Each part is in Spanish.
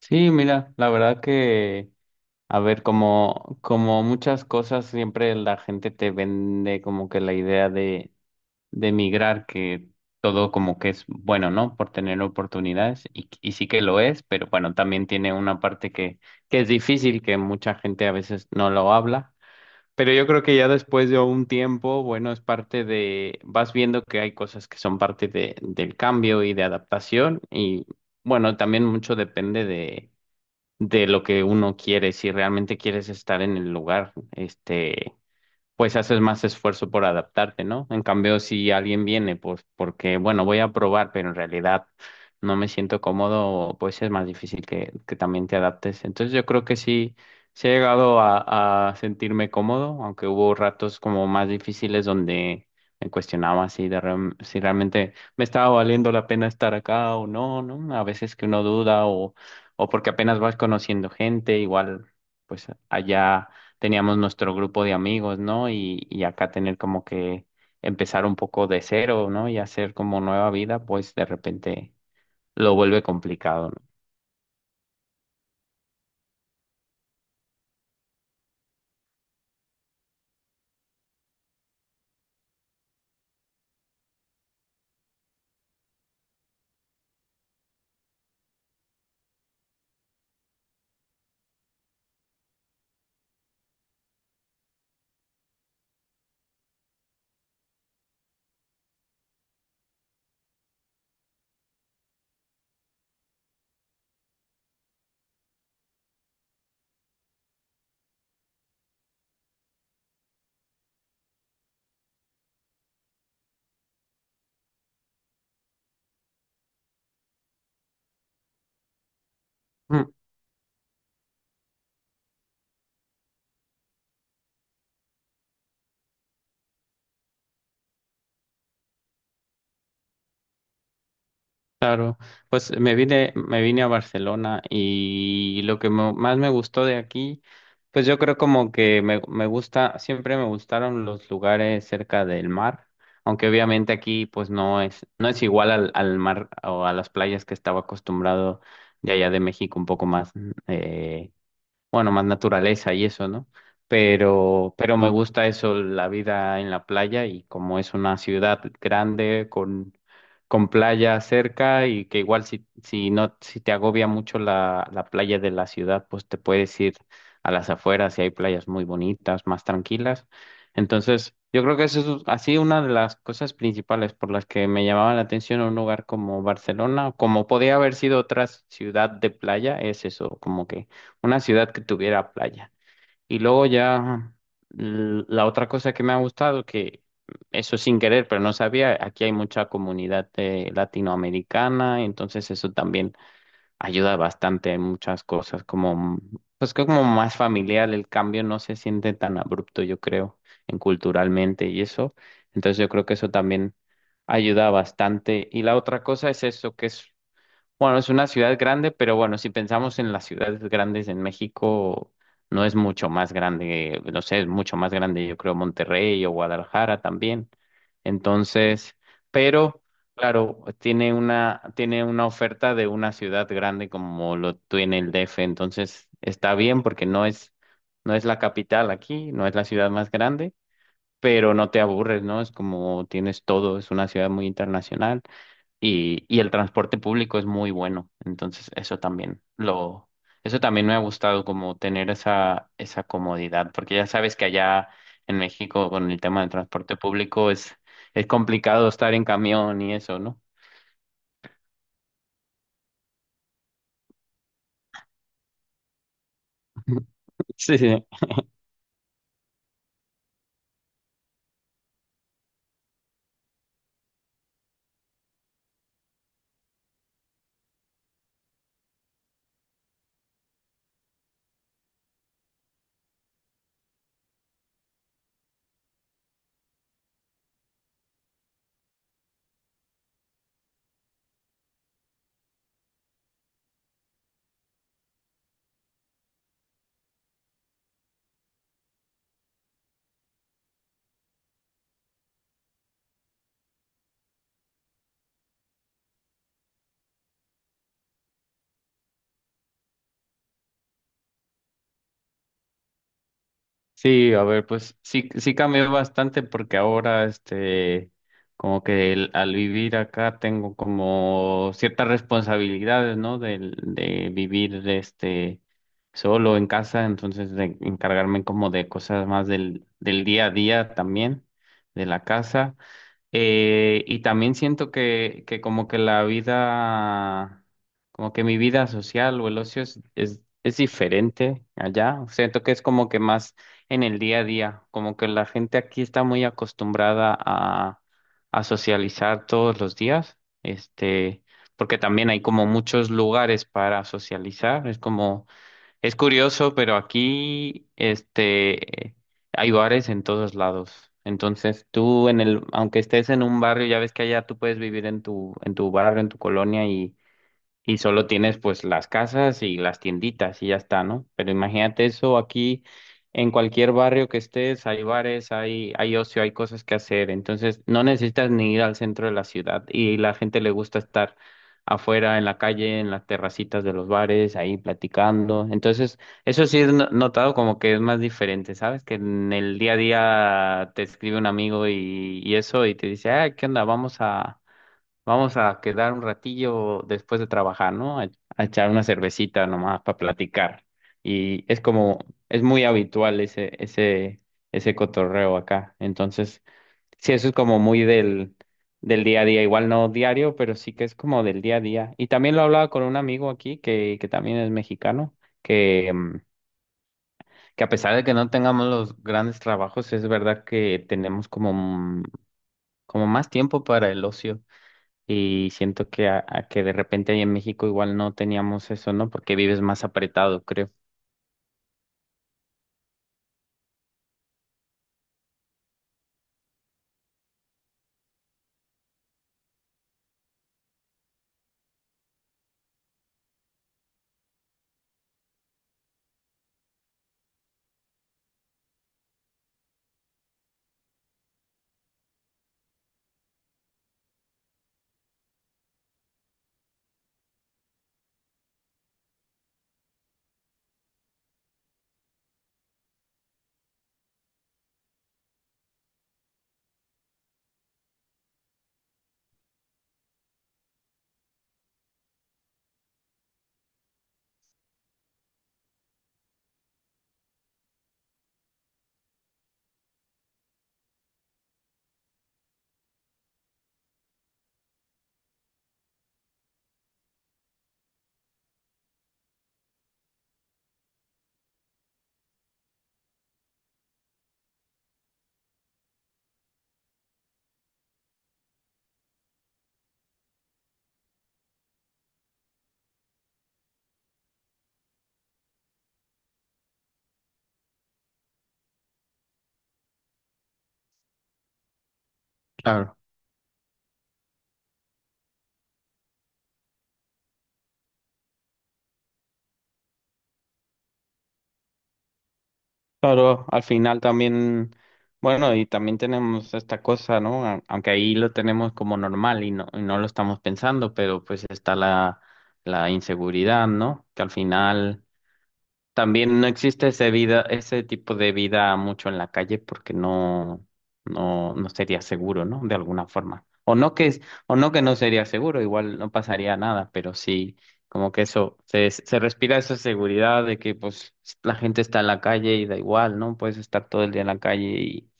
Sí, mira, la verdad que, a ver, como muchas cosas, siempre la gente te vende como que la idea de emigrar, que todo como que es bueno, ¿no? Por tener oportunidades, y sí que lo es, pero bueno, también tiene una parte que es difícil, que mucha gente a veces no lo habla. Pero yo creo que ya después de un tiempo, bueno, es parte de, vas viendo que hay cosas que son parte de, del cambio y de adaptación, y bueno, también mucho depende de lo que uno quiere, si realmente quieres estar en el lugar, este, pues haces más esfuerzo por adaptarte, ¿no? En cambio, si alguien viene, pues porque, bueno, voy a probar, pero en realidad no me siento cómodo, pues es más difícil que también te adaptes. Entonces yo creo que sí, sí he llegado a sentirme cómodo, aunque hubo ratos como más difíciles donde me cuestionaba si, si realmente me estaba valiendo la pena estar acá o no, ¿no? A veces que uno duda o porque apenas vas conociendo gente, igual, pues allá teníamos nuestro grupo de amigos, ¿no? Y acá tener como que empezar un poco de cero, ¿no? Y hacer como nueva vida, pues de repente lo vuelve complicado, ¿no? Claro, pues me vine a Barcelona y lo que más me gustó de aquí, pues yo creo como que me gusta, siempre me gustaron los lugares cerca del mar, aunque obviamente aquí pues no es, no es igual al, al mar o a las playas que estaba acostumbrado de allá de México un poco más eh, bueno, más naturaleza y eso, ¿no? Pero me gusta eso, la vida en la playa y como es una ciudad grande con playa cerca y que igual si, si no, si te agobia mucho la playa de la ciudad, pues te puedes ir a las afueras y hay playas muy bonitas, más tranquilas. Entonces, yo creo que eso es así una de las cosas principales por las que me llamaba la atención un lugar como Barcelona, como podía haber sido otra ciudad de playa, es eso, como que una ciudad que tuviera playa. Y luego ya la otra cosa que me ha gustado, que eso sin querer, pero no sabía, aquí hay mucha comunidad latinoamericana, entonces eso también ayuda bastante en muchas cosas, como pues que como más familiar, el cambio no se siente tan abrupto, yo creo, en culturalmente y eso. Entonces yo creo que eso también ayuda bastante. Y la otra cosa es eso, que es bueno, es una ciudad grande, pero bueno, si pensamos en las ciudades grandes en México, no es mucho más grande, no sé, es mucho más grande, yo creo, Monterrey o Guadalajara también. Entonces, pero claro, tiene una oferta de una ciudad grande como lo tiene el DF, entonces está bien porque no es, no es la capital aquí, no es la ciudad más grande, pero no te aburres, ¿no? Es como tienes todo, es una ciudad muy internacional y el transporte público es muy bueno. Entonces, eso también lo, eso también me ha gustado como tener esa, esa comodidad, porque ya sabes que allá en México con el tema del transporte público es complicado estar en camión y eso, ¿no? Sí, sí. Sí, a ver, pues sí, sí cambió bastante porque ahora, este, como que al vivir acá tengo como ciertas responsabilidades, ¿no? De vivir, este, solo en casa, entonces de encargarme como de cosas más del, del día a día también, de la casa. Y también siento que como que la vida, como que mi vida social o el ocio es diferente allá. Siento que es como que más en el día a día, como que la gente aquí está muy acostumbrada a socializar todos los días, este, porque también hay como muchos lugares para socializar, es como es curioso, pero aquí este hay bares en todos lados. Entonces, tú en el aunque estés en un barrio, ya ves que allá tú puedes vivir en tu barrio, en tu colonia y solo tienes pues las casas y las tienditas y ya está, ¿no? Pero imagínate eso aquí en cualquier barrio que estés, hay bares, hay ocio, hay cosas que hacer, entonces no necesitas ni ir al centro de la ciudad y la gente le gusta estar afuera en la calle, en las terracitas de los bares, ahí platicando. Entonces, eso sí he notado como que es más diferente, ¿sabes? Que en el día a día te escribe un amigo y eso y te dice, ah, ¿qué onda? Vamos a quedar un ratillo después de trabajar, ¿no? A echar una cervecita nomás para platicar. Y es como, es muy habitual ese cotorreo acá. Entonces, sí, eso es como muy del, del día a día. Igual no diario, pero sí que es como del día a día. Y también lo hablaba con un amigo aquí que también es mexicano, que, que a pesar de que no tengamos los grandes trabajos, es verdad que tenemos como, como más tiempo para el ocio. Y siento que, a que de repente ahí en México igual no teníamos eso, ¿no? Porque vives más apretado, creo. Claro. Claro, al final también, bueno, y también tenemos esta cosa, ¿no? A- Aunque ahí lo tenemos como normal y no lo estamos pensando, pero pues está la inseguridad, ¿no? Que al final también no existe ese vida, ese tipo de vida mucho en la calle porque no, no sería seguro, ¿no? De alguna forma. O no que es, o no que no sería seguro, igual no pasaría nada, pero sí, como que eso, se respira esa seguridad de que pues la gente está en la calle y da igual, ¿no? Puedes estar todo el día en la calle y,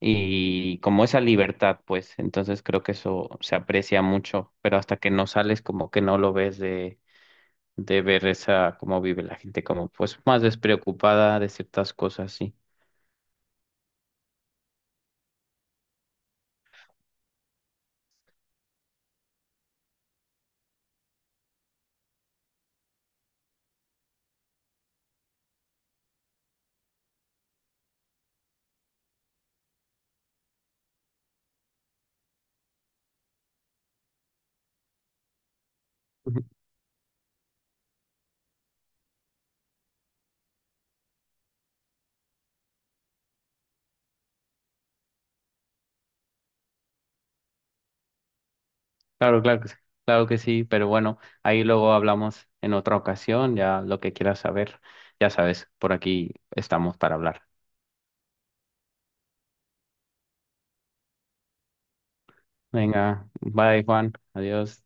y como esa libertad, pues, entonces creo que eso se aprecia mucho, pero hasta que no sales, como que no lo ves de ver esa, cómo vive la gente, como pues más despreocupada de ciertas cosas, sí. Ujú. Claro, claro que sí, pero bueno, ahí luego hablamos en otra ocasión, ya lo que quieras saber, ya sabes, por aquí estamos para hablar. Venga, bye Juan, adiós.